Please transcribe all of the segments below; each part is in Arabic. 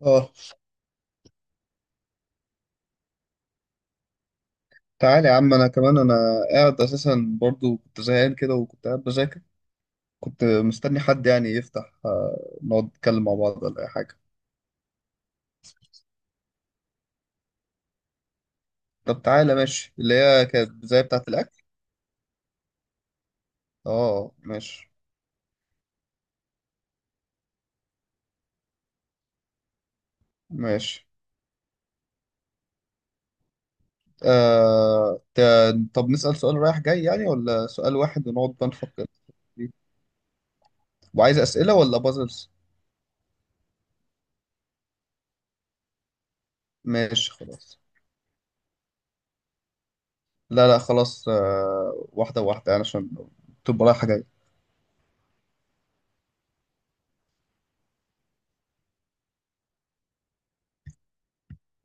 اه، تعالى يا عم، انا كمان قاعد اساسا برضو. كنت زهقان كده وكنت قاعد بذاكر. كنت مستني حد يعني يفتح، نقعد نتكلم مع بعض ولا اي حاجه. طب تعالى ماشي، اللي هي كانت زي بتاعه الاكل. اه ماشي، ماشي. طب نسأل سؤال رايح جاي يعني ولا سؤال واحد ونقعد بقى نفكر فيه؟ وعايز اسئله ولا بازلز؟ ماشي خلاص. لا لا خلاص، واحده واحده يعني عشان تبقى رايحه جاي.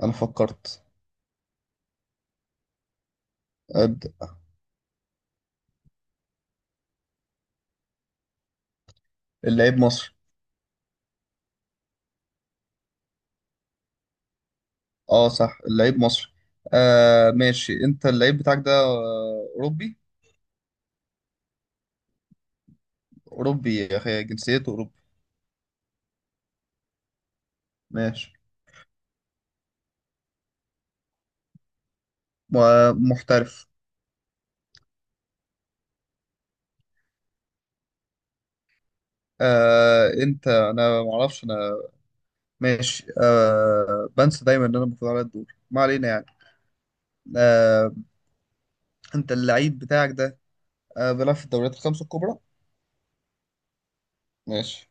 انا فكرت. أبدأ. اللعيب مصري. اه صح، اللعيب مصري. ماشي. انت اللعيب بتاعك ده اوروبي؟ اوروبي يا اخي، جنسيته اوروبي. ماشي. محترف. انت، انا ما اعرفش انا. ماشي. بنسى دايما ان انا المفروض على الدور، ما علينا يعني. آه انت اللعيب بتاعك ده بيلعب في الدوريات الخمس الكبرى؟ ماشي.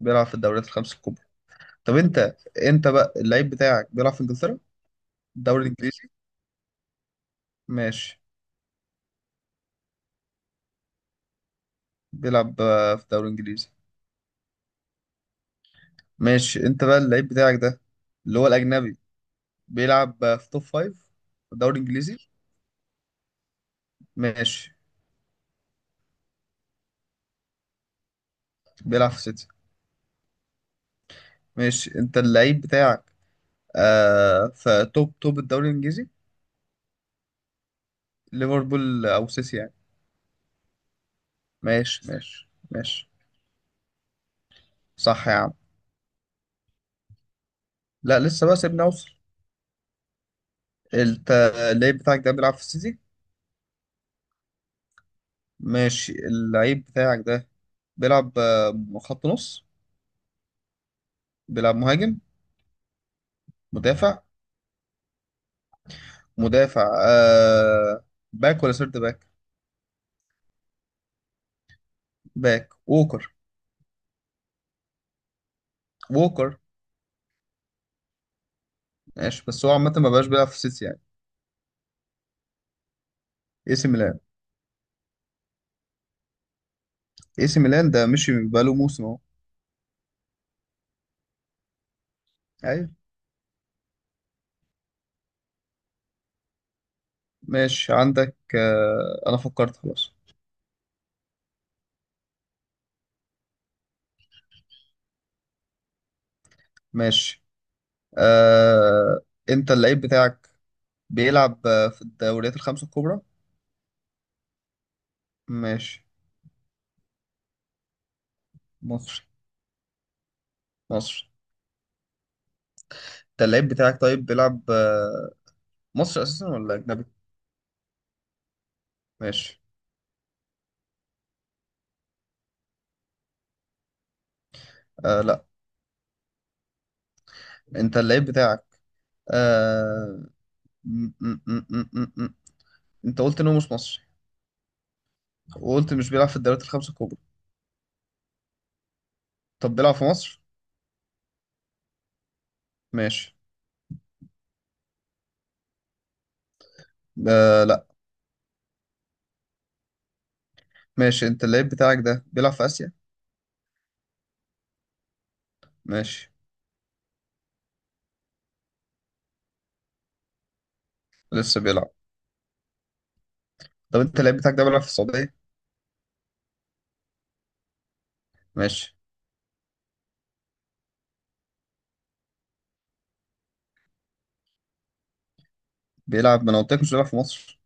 بيلعب في الدوريات الخمس الكبرى. طب انت، بقى اللعيب بتاعك بيلعب في انجلترا؟ الدوري الانجليزي؟ ماشي. بيلعب في الدوري الانجليزي. ماشي. انت بقى اللعيب بتاعك ده، اللي هو الاجنبي، بيلعب في توب فايف؟ في الدوري الانجليزي؟ ماشي. بيلعب في سيتي. ماشي. انت اللعيب بتاعك في توب توب الدوري الانجليزي؟ ليفربول او سيتي يعني. ماشي ماشي ماشي. صح يا عم. لا لسه بقى، سيبني اوصل. انت اللعيب بتاعك ده بيلعب في السيتي؟ ماشي. اللعيب بتاعك ده بيلعب خط نص؟ بيلعب مهاجم؟ مدافع؟ مدافع باك ولا سيرد باك؟ باك ووكر. ووكر. ماشي، بس هو عامة ما بقاش بيلعب في سيتي يعني. اي سي ميلان. اي سي ميلان ده مشي بقاله موسم اهو. ايوه. ماشي عندك، انا فكرت خلاص. ماشي. آه انت اللعيب بتاعك بيلعب في الدوريات الخمسة الكبرى؟ ماشي. مصر. مصر. انت اللعيب بتاعك طيب بيلعب مصر اساسا ولا اجنبي؟ ماشي. لا. انت اللعيب بتاعك آه م -م -م -م -م. م. انت قلت انه مش مصري، وقلت مش بيلعب في الدوريات الخمسة الكبرى. طب بيلعب في مصر؟ ماشي. لا. ماشي. انت اللعيب بتاعك ده بيلعب في اسيا؟ ماشي. لسه بيلعب. طب انت اللعيب بتاعك ده بيلعب في السعوديه؟ ماشي. بيلعب. ما انا قلت لك مش بيلعب في مصر.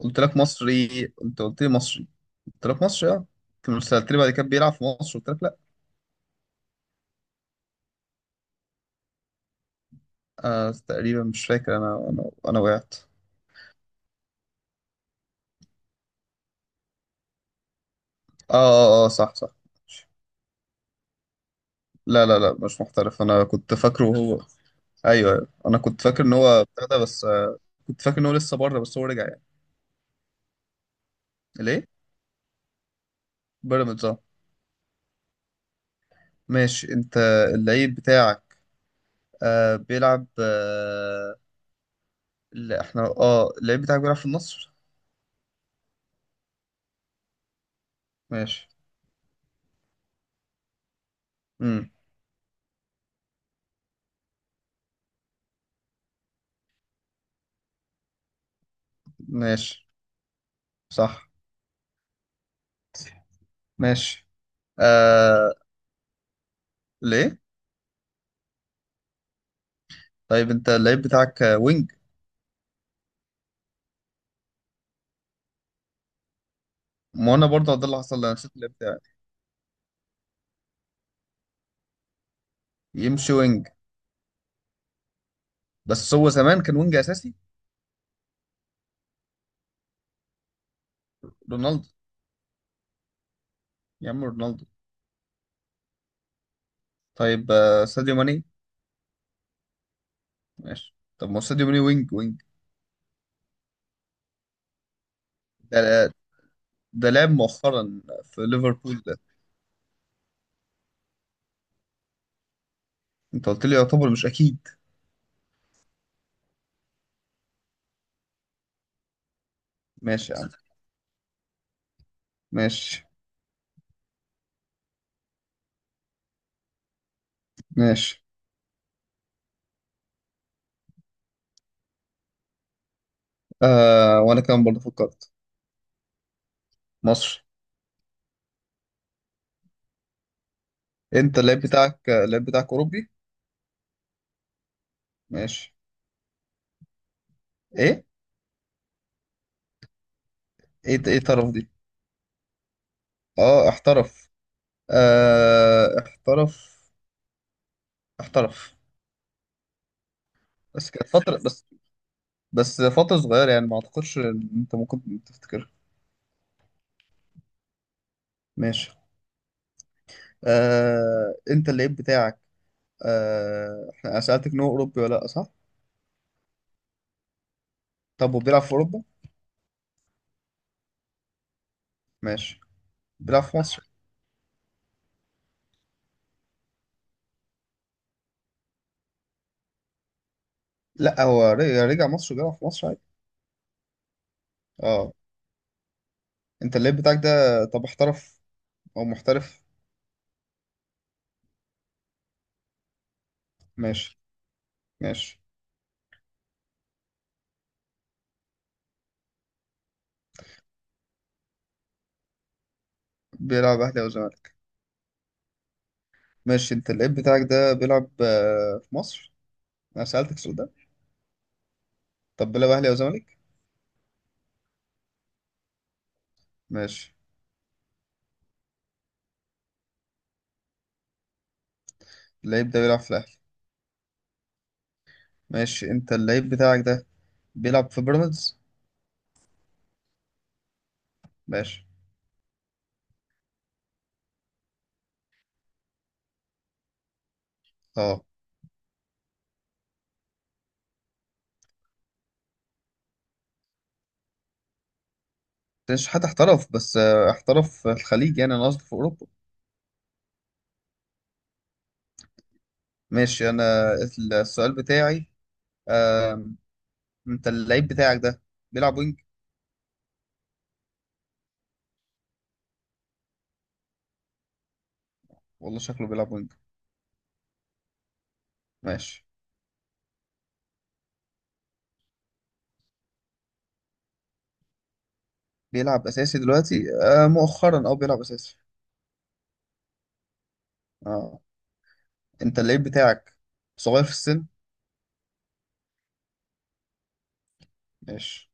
قلت لك مصري، انت قلت لي مصري. قلت لك مصري اه. كنت سالت لي بعد كده بيلعب في مصر، قلت لك لا. تقريبا مش فاكر انا وقعت. اه اه اه اه، صح صح. ماشي. لا لا لا، مش محترف، انا كنت فاكره هو. ايوه ايوه، انا كنت فاكر ان هو بتاع ده بس، كنت فاكر ان هو لسه بره بس هو رجع يعني. ليه؟ بيراميدز اه. ماشي. انت اللعيب بتاعك آه بيلعب آه لا احنا اه اللعيب بتاعك بيلعب في النصر؟ ماشي. امم. ماشي. صح. ماشي. آه ليه؟ طيب انت اللعيب بتاعك وينج؟ ما انا برضه ده اللي حصل، انا نسيت اللعيب بتاعي. يمشي وينج. بس هو زمان كان وينج اساسي. رونالدو. يا عم رونالدو. طيب ساديو ماني. ماشي. طب ما هو ساديو ماني وينج وينج. ده ده لعب مؤخرا في ليفربول ده. انت قلت لي يعتبر مش اكيد. ماشي يا عم. ماشي ماشي. وانا كمان برضه فكرت. مصر. انت اللعيب بتاعك، اللعيب بتاعك اوروبي؟ ماشي. ايه؟ ايه ايه طرف دي؟ اه احترف. احترف. احترف. بس كانت فترة، بس فترة صغيرة، يعني ما اعتقدش ان انت ممكن تفتكرها. ماشي. انت اللعيب بتاعك احنا، أنا سألتك ان هو اوروبي ولا لا، صح؟ طب هو بيلعب في اوروبا؟ ماشي. بيلعب في مصر. لا، هو رجع، مصر. بيلعب في مصر عادي. اه. انت اللعيب بتاعك ده طب احترف او محترف؟ ماشي. ماشي. بيلعب أهلي أو زمالك؟ ماشي. أنت اللعيب بتاعك ده بيلعب في مصر، أنا سألتك السؤال ده. طب بيلعب أهلي أو زمالك؟ ماشي. اللعيب ده بيلعب في الأهلي. ماشي. أنت اللعيب بتاعك ده بيلعب في بيراميدز. ماشي. أه. مش حد احترف بس، احترف في الخليج يعني، أنا قصدي في أوروبا. ماشي. أنا السؤال بتاعي، آه، أنت اللعيب بتاعك ده بيلعب وينج؟ والله شكله بيلعب وينج. ماشي. بيلعب أساسي دلوقتي. مؤخرا أه بيلعب أساسي. اه. انت اللعيب بتاعك صغير في السن؟ ماشي.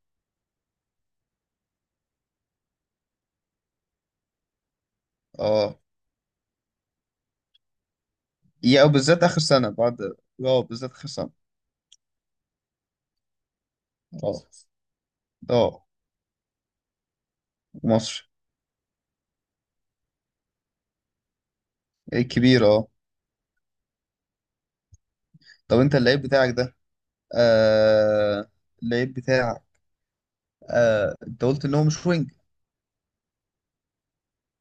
اه يا او بالذات اخر سنه بعد. اه بالذات اخر سنه. اه. اه. مصري. لعيب كبير اه. طب انت اللعيب بتاعك ده آه اللعيب بتاعك آه انت قلت ان هو مش وينج.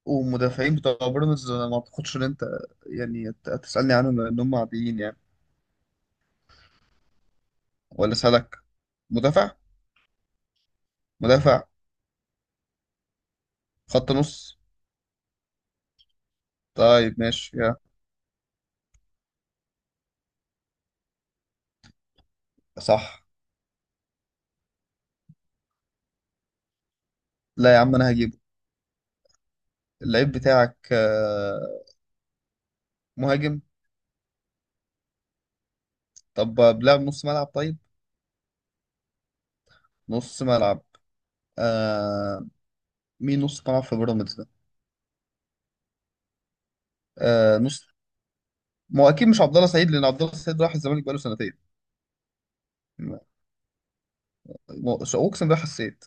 ومدافعين بتوع بيراميدز انا ما اعتقدش ان انت يعني تسالني عنهم لان هم عاديين يعني. ولا سالك. مدافع. مدافع. خط نص. طيب ماشي يا. صح. لا يا عم انا هجيبه. اللعيب بتاعك مهاجم. طب بلعب نص ملعب طيب؟ نص ملعب. آه مين نص ملعب في بيراميدز ده؟ نص. ما هو اكيد مش عبد الله سعيد لان عبد الله سعيد راح الزمالك بقاله سنتين. ما- اقسم بالله حسيت.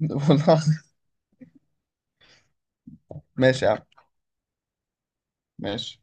والله العظيم. ماشي يا عم. ماشي.